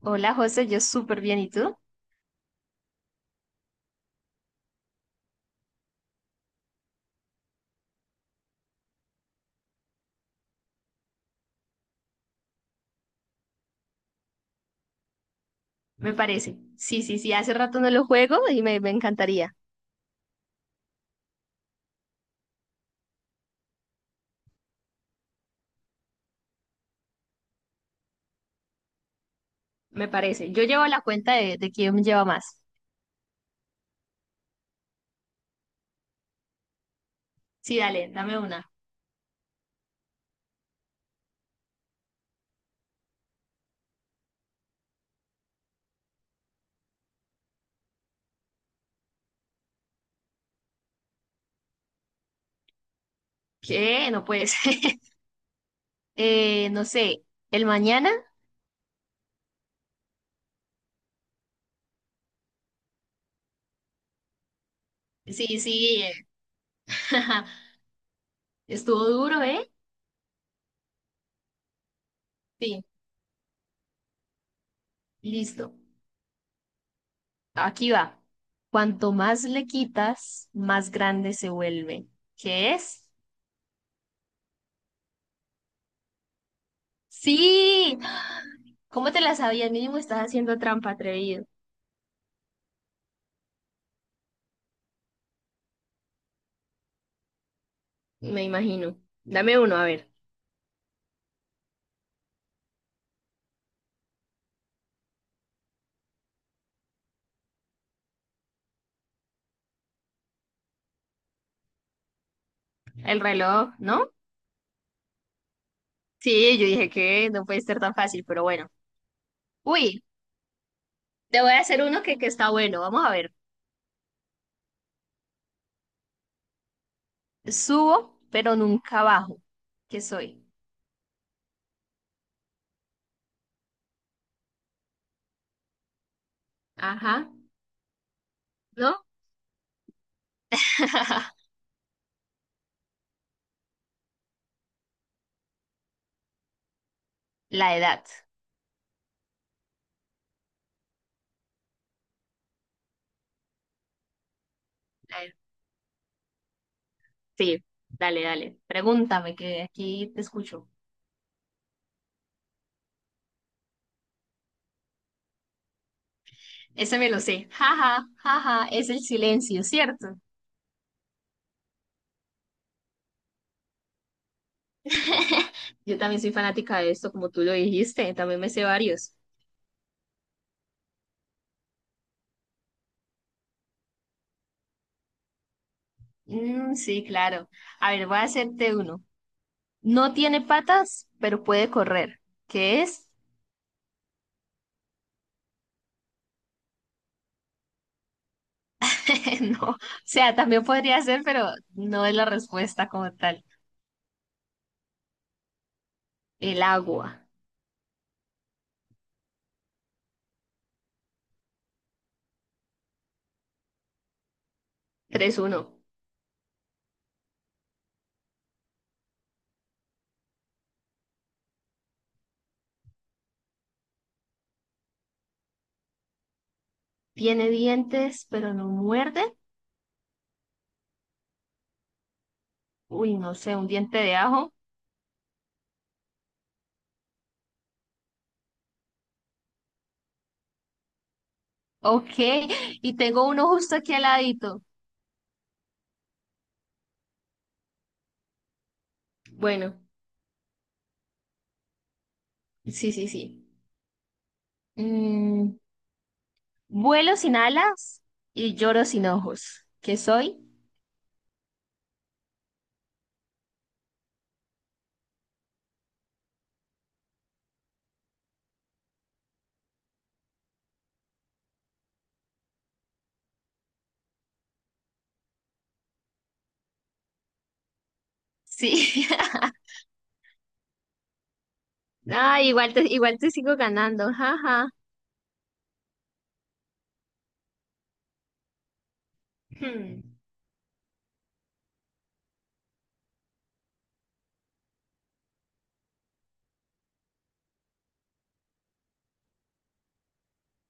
Hola José, yo súper bien, ¿y tú? Me parece. Sí, sí, sí, hace rato no lo juego y me encantaría. Me parece. Yo llevo la cuenta de quién lleva más. Sí, dale, dame una. ¿Qué? No puede ser. No sé, ¿el mañana? Sí, sí. Estuvo duro, ¿eh? Sí, listo. Aquí va. Cuanto más le quitas, más grande se vuelve. ¿Qué es? Sí. ¿Cómo te la sabías? Mínimo estás haciendo trampa, atrevido. Me imagino. Dame uno, a ver. El reloj, ¿no? Sí, yo dije que no puede ser tan fácil, pero bueno. Uy, te voy a hacer uno que está bueno. Vamos a ver. Subo, pero nunca bajo. ¿Qué soy? Ajá, ¿no? La edad. La edad. Sí, dale, dale. Pregúntame, que aquí te escucho. Ese me lo sé. Jaja, jaja, es el silencio, ¿cierto? Yo también soy fanática de esto, como tú lo dijiste. También me sé varios. Mm, sí, claro. A ver, voy a hacerte uno. No tiene patas, pero puede correr. ¿Qué es? No. O sea, también podría ser, pero no es la respuesta como tal. El agua. 3-1. Tiene dientes, pero no muerde. Uy, no sé, un diente de ajo. Ok. Y tengo uno justo aquí al ladito. Bueno, sí, sí, sí. Mm, vuelo sin alas y lloro sin ojos. ¿Qué soy? Sí. Ah, igual te sigo ganando, jaja. Hmm.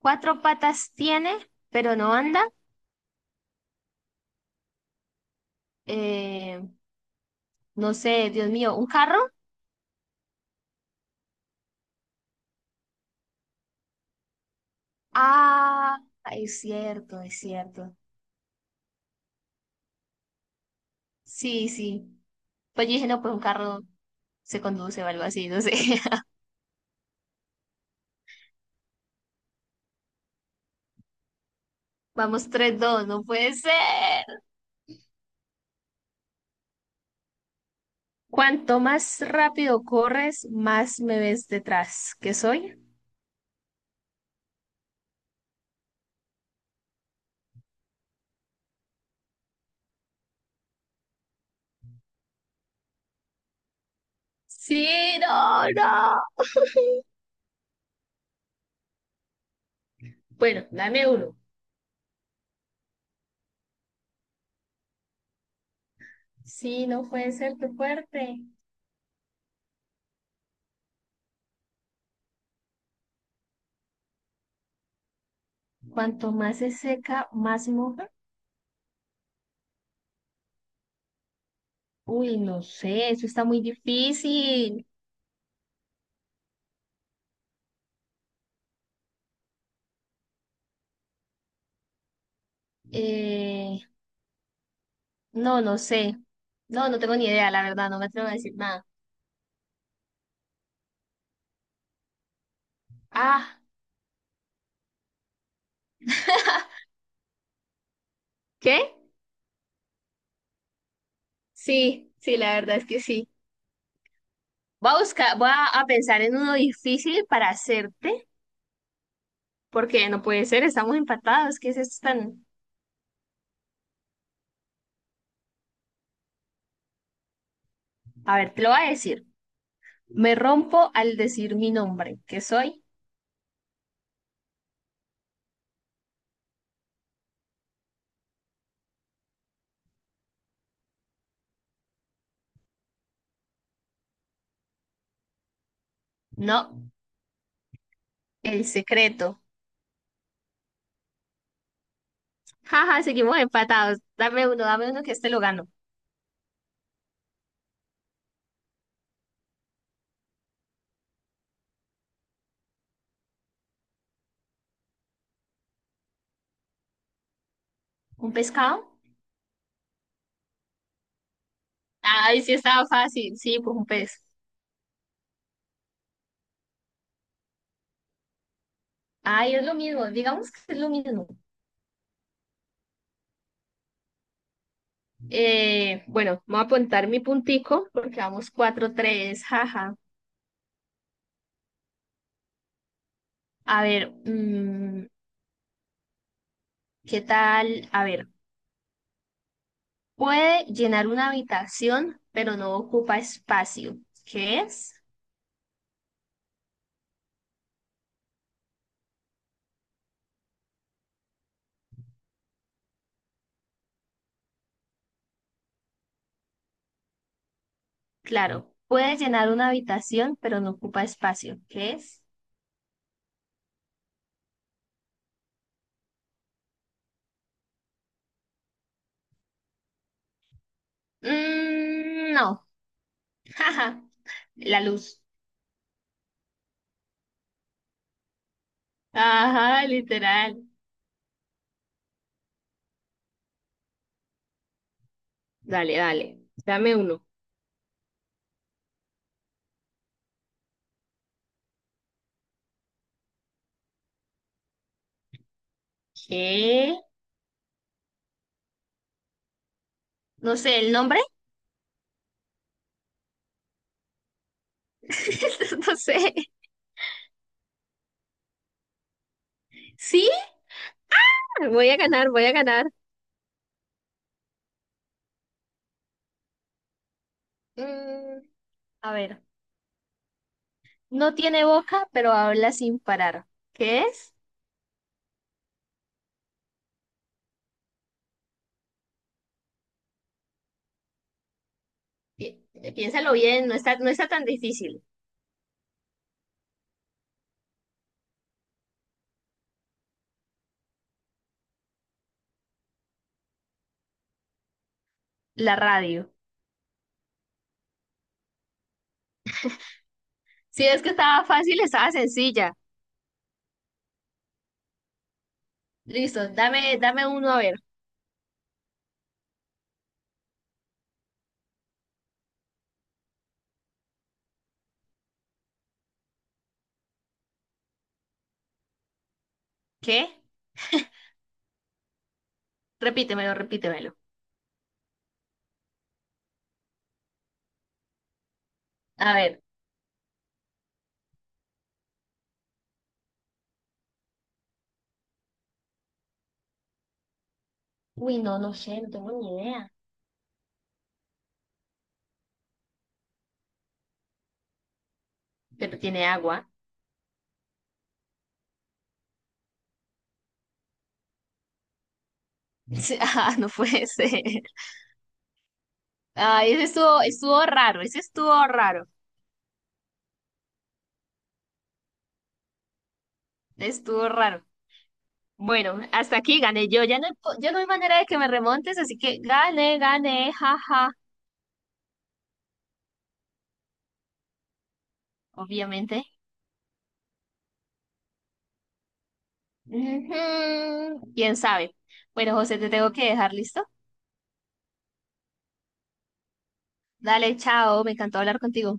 Cuatro patas tiene, pero no anda. Eh, no sé, Dios mío, ¿un carro? Ah, es cierto, es cierto. Sí, sí. Pues yo dije, no, pues un carro se conduce o algo así, no sé. Vamos, tres, dos, no puede ser. Cuanto más rápido corres, más me ves detrás. ¿Qué soy? Sí, no, no. Bueno, dame uno. Sí, no puede ser tu fuerte. Cuanto más se seca, más se moja. Uy, no sé, eso está muy difícil. Eh, no, no sé. No, no tengo ni idea, la verdad, no me atrevo a decir nada. Ah, ¿qué? Sí, sí, la verdad es que sí. Voy a buscar, voy a pensar en uno difícil para hacerte, porque no puede ser, estamos empatados. ¿Qué es esto tan...? A ver, te lo voy a decir. Me rompo al decir mi nombre. ¿Qué soy? No, el secreto. Jaja, seguimos empatados. Dame uno que este lo gano. ¿Un pescado? Ay, sí estaba fácil. Sí, pues un pez. Ay, es lo mismo. Digamos que es lo mismo. Bueno, voy a apuntar mi puntico porque vamos 4-3. Jaja. A ver, ¿qué tal? A ver, puede llenar una habitación, pero no ocupa espacio. ¿Qué es? Claro, puede llenar una habitación, pero no ocupa espacio. ¿Qué es? Mm, no. Jaja. La luz. Ajá, literal. Dale, dale. Dame uno. ¿Qué? No sé, ¿el nombre? No sé. Sí, voy a ganar, voy a ganar. Mm, a ver. No tiene boca, pero habla sin parar. ¿Qué es? Pi- piénsalo bien, no está tan difícil. La radio. Si es que estaba fácil, estaba sencilla. Listo, dame, dame uno a ver. ¿Qué? Repítemelo, repítemelo. A ver. Uy, no, no sé, no tengo ni idea. Pero tiene agua. Sí, ah, no puede ser. Ay, ese estuvo, estuvo raro, ese estuvo raro, estuvo raro. Bueno, hasta aquí gané yo. Ya no, hay ya no hay manera de que me remontes, así que gané, gané, jaja, obviamente. Ujú, ¿quién sabe? Bueno, José, te tengo que dejar listo. Dale, chao, me encantó hablar contigo.